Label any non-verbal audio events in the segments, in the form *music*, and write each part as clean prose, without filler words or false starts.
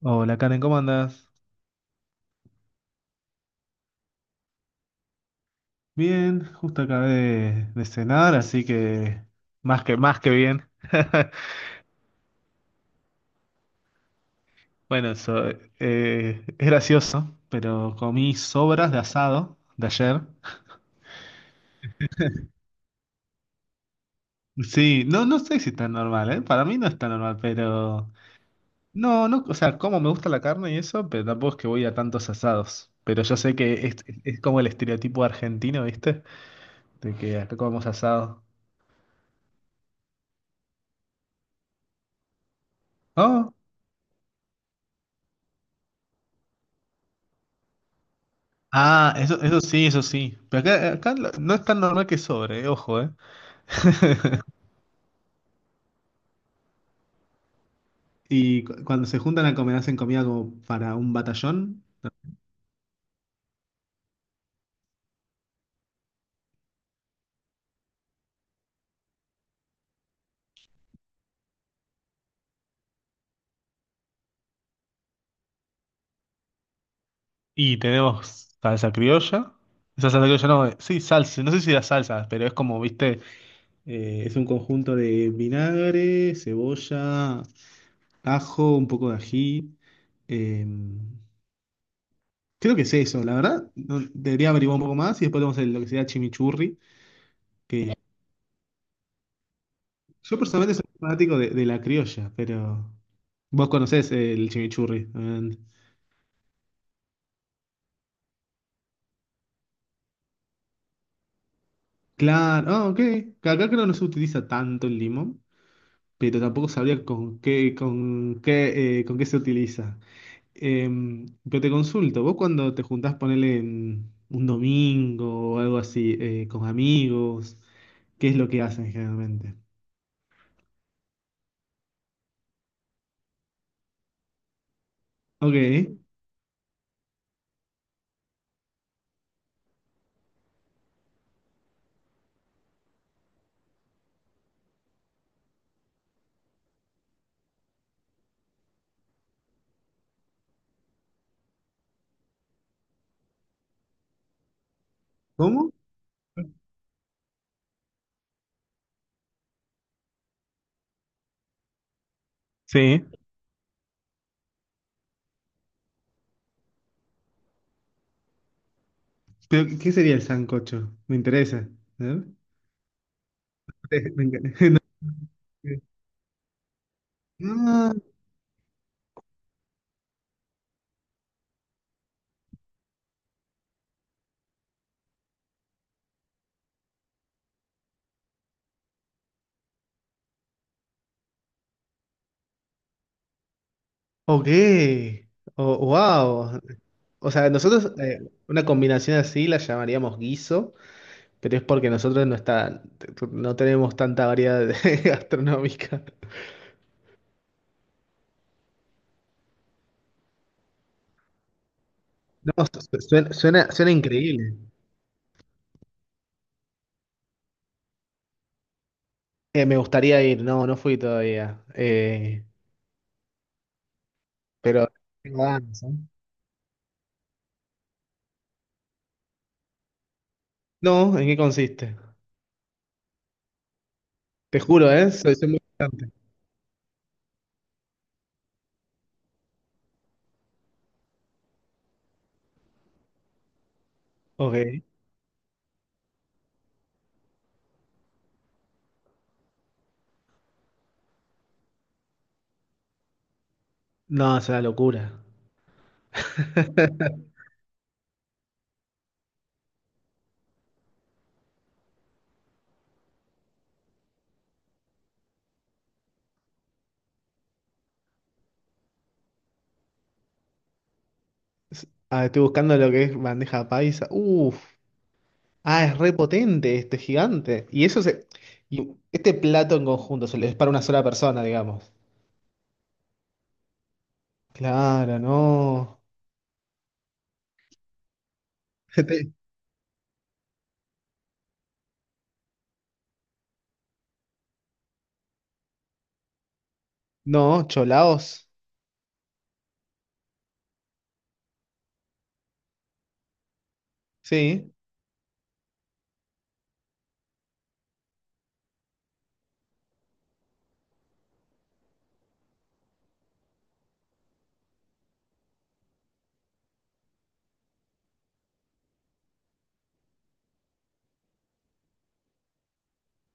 Hola Karen, ¿cómo andas? Bien, justo acabé de cenar, así que más que bien. *laughs* Bueno, eso, es gracioso, pero comí sobras de asado de ayer. Sí, no, no sé si es tan normal, ¿eh? Para mí no es tan normal, pero no, no, o sea, como me gusta la carne y eso, pero tampoco es que voy a tantos asados. Pero yo sé que es como el estereotipo argentino, ¿viste? De que acá comemos asado. Ah, ah, eso sí, eso sí. Pero acá lo- no es tan normal que sobre, ojo, ¿eh? Y cu- cuando se juntan a comer, hacen comida como para un batallón. Y tenemos salsa criolla. Esa salsa criolla no, sí, salsa. No sé si era salsa, pero es como, viste, es un conjunto de vinagre, cebolla, ajo, un poco de ají. eh, creo que es eso, la verdad. No- debería averiguar un poco más y después tenemos el- lo que sería chimichurri, que yo personalmente soy fanático de la criolla, pero vos conocés el chimichurri, obviamente. Claro, ah, ok. Acá creo que no se utiliza tanto el limón, pero tampoco sabría con qué, con qué se utiliza. Pero te consulto, vos cuando te juntás, ponele en un domingo o algo así, con amigos, ¿qué es lo que hacen generalmente? Ok. ¿Cómo? Sí. ¿Pero qué sería el sancocho? Me interesa. A ver. *laughs* Me encanta. Ah, ok. Oh, wow. O sea, nosotros una combinación así la llamaríamos guiso, pero es porque nosotros no está, no tenemos tanta variedad de- *laughs* gastronómica. No, su- suena increíble. Me gustaría ir, no, no fui todavía. Pero tengo ganas, ¿eh? No, ¿en qué consiste? Te juro, ¿eh? Soy, soy muy bastante. Ok. No, es una locura. *laughs* Ah, estoy buscando lo que es bandeja paisa. Uf. Ah, es repotente este gigante. Y eso se. Y este plato en conjunto se le- es para una sola persona, digamos. Claro, no. *laughs* Este- no, cholaos. Sí.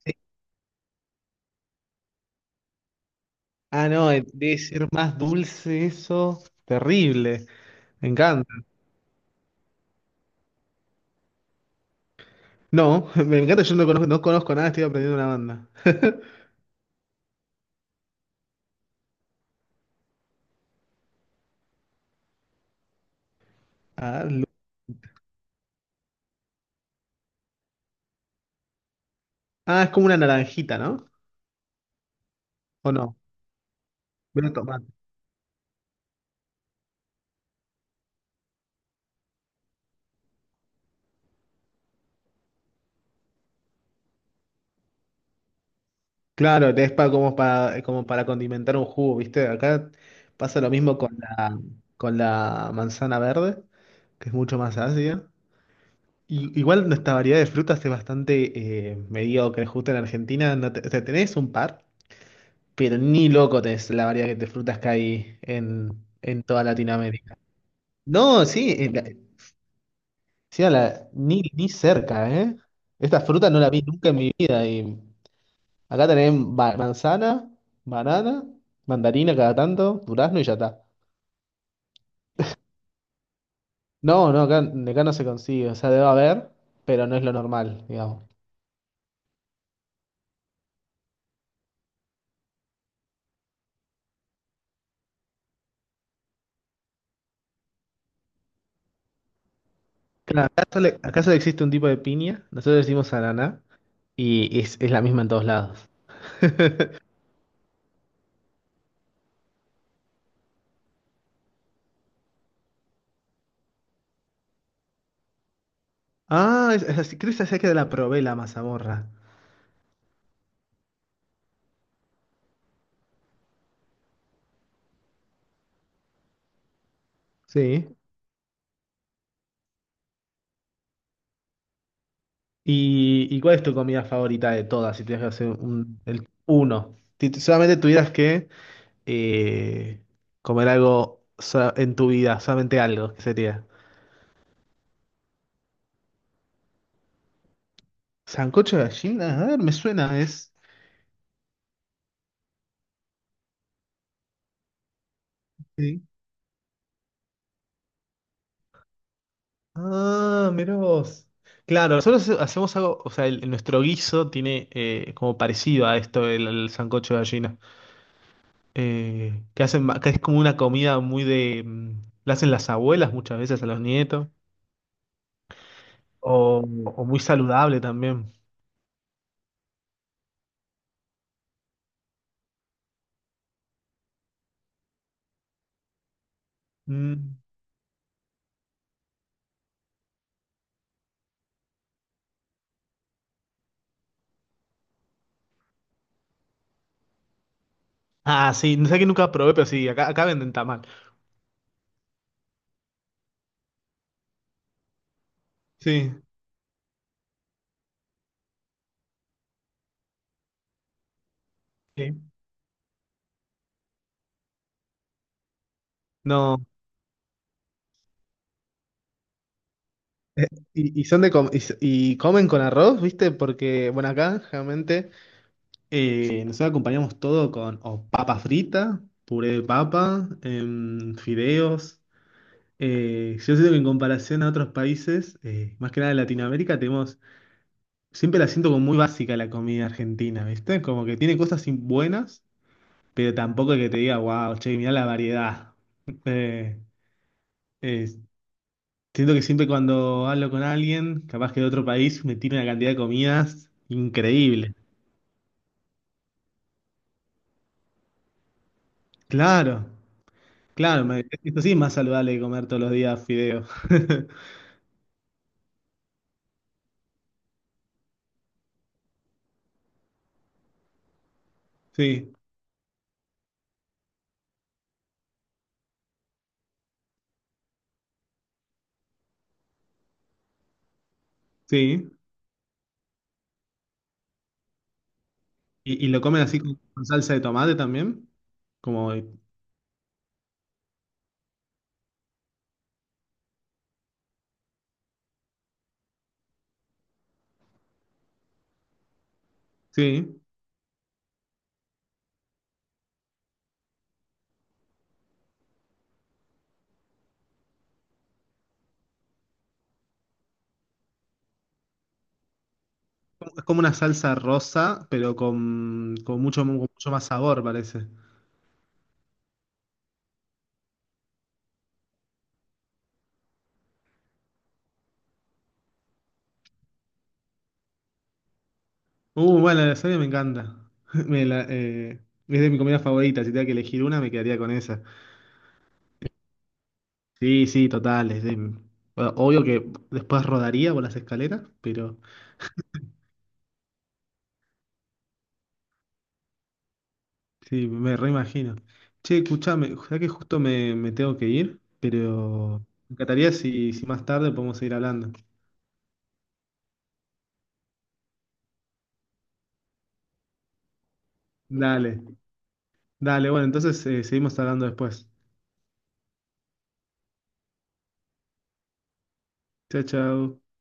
Sí. Ah, no, debe ser más dulce eso. Terrible. Me encanta. No, *laughs* me encanta, yo no conozco, no conozco nada, estoy aprendiendo una banda. Ah, lu- ah, es como una naranjita, ¿no? ¿O no? Vino tomate. Claro, es pa- como para, como para condimentar un jugo, ¿viste? Acá pasa lo mismo con la manzana verde, que es mucho más ácida. Y, igual nuestra variedad de frutas es bastante mediocre, justo en Argentina no te- o sea, tenés un par, pero ni loco tenés la variedad de frutas que hay en toda Latinoamérica. No, sí, la- sí, a la- ni, ni cerca, ¿eh? Esta fruta no la vi nunca en mi vida y... Acá tenemos ba- manzana, banana, mandarina cada tanto, durazno y ya está. No, no, acá, acá no se consigue, o sea, debe haber, pero no es lo normal, digamos. Claro, acá solo existe un tipo de piña, nosotros decimos ananá, y es la misma en todos lados. Ah, es así, creo que esa que la probé, la mazamorra. Sí. Y cuál es tu comida favorita de todas, si tienes que hacer un, el uno? Si t- solamente tuvieras que eh, comer algo sa- en tu vida, solamente algo, ¿qué sería? Sancocho de gallina, a ver, me suena, es... Sí. Ah, mirá vos. Claro, nosotros hacemos algo, o sea, el- nuestro guiso tiene como parecido a esto, el sancocho de gallina. Que hacen, ma- que es como una comida muy de... mm, la hacen las abuelas muchas veces a los nietos, o, o muy saludable también. Mm. Ah, sí, no sé que nunca probé, pero sí, acá, acá venden tamal. Sí. Sí. No. Eh, y son de com- y, s- y comen con arroz, ¿viste? Porque, bueno, acá generalmente nosotros acompañamos todo con o papa frita, puré de papa, em, fideos. Yo siento que en comparación a otros países, más que nada de Latinoamérica, tenemos, siempre la siento como muy básica la comida argentina, ¿viste? Como que tiene cosas in- buenas, pero tampoco que te diga, wow, che, mirá la variedad. *laughs* Eh, eh, siento que siempre cuando hablo con alguien, capaz que de otro país, me tira una cantidad de comidas increíble. Claro, claro, me- esto sí es más saludable que comer todos los días fideos. *laughs* Sí, sí. Y lo comen así con salsa de tomate también? Como, sí. Es como una salsa rosa, pero con mucho más sabor, parece. Bueno, la lasaña me encanta. *laughs* Me la- es de mi comida favorita. Si tuviera que elegir una, me quedaría con esa. Sí, sí, total. Es de- bueno, obvio que después rodaría por las escaleras, pero sí, me reimagino. Che, escuchame, ya que justo me, me tengo que ir, pero me encantaría si, si más tarde podemos seguir hablando. Dale, dale, bueno, entonces seguimos hablando después. Chao, chao.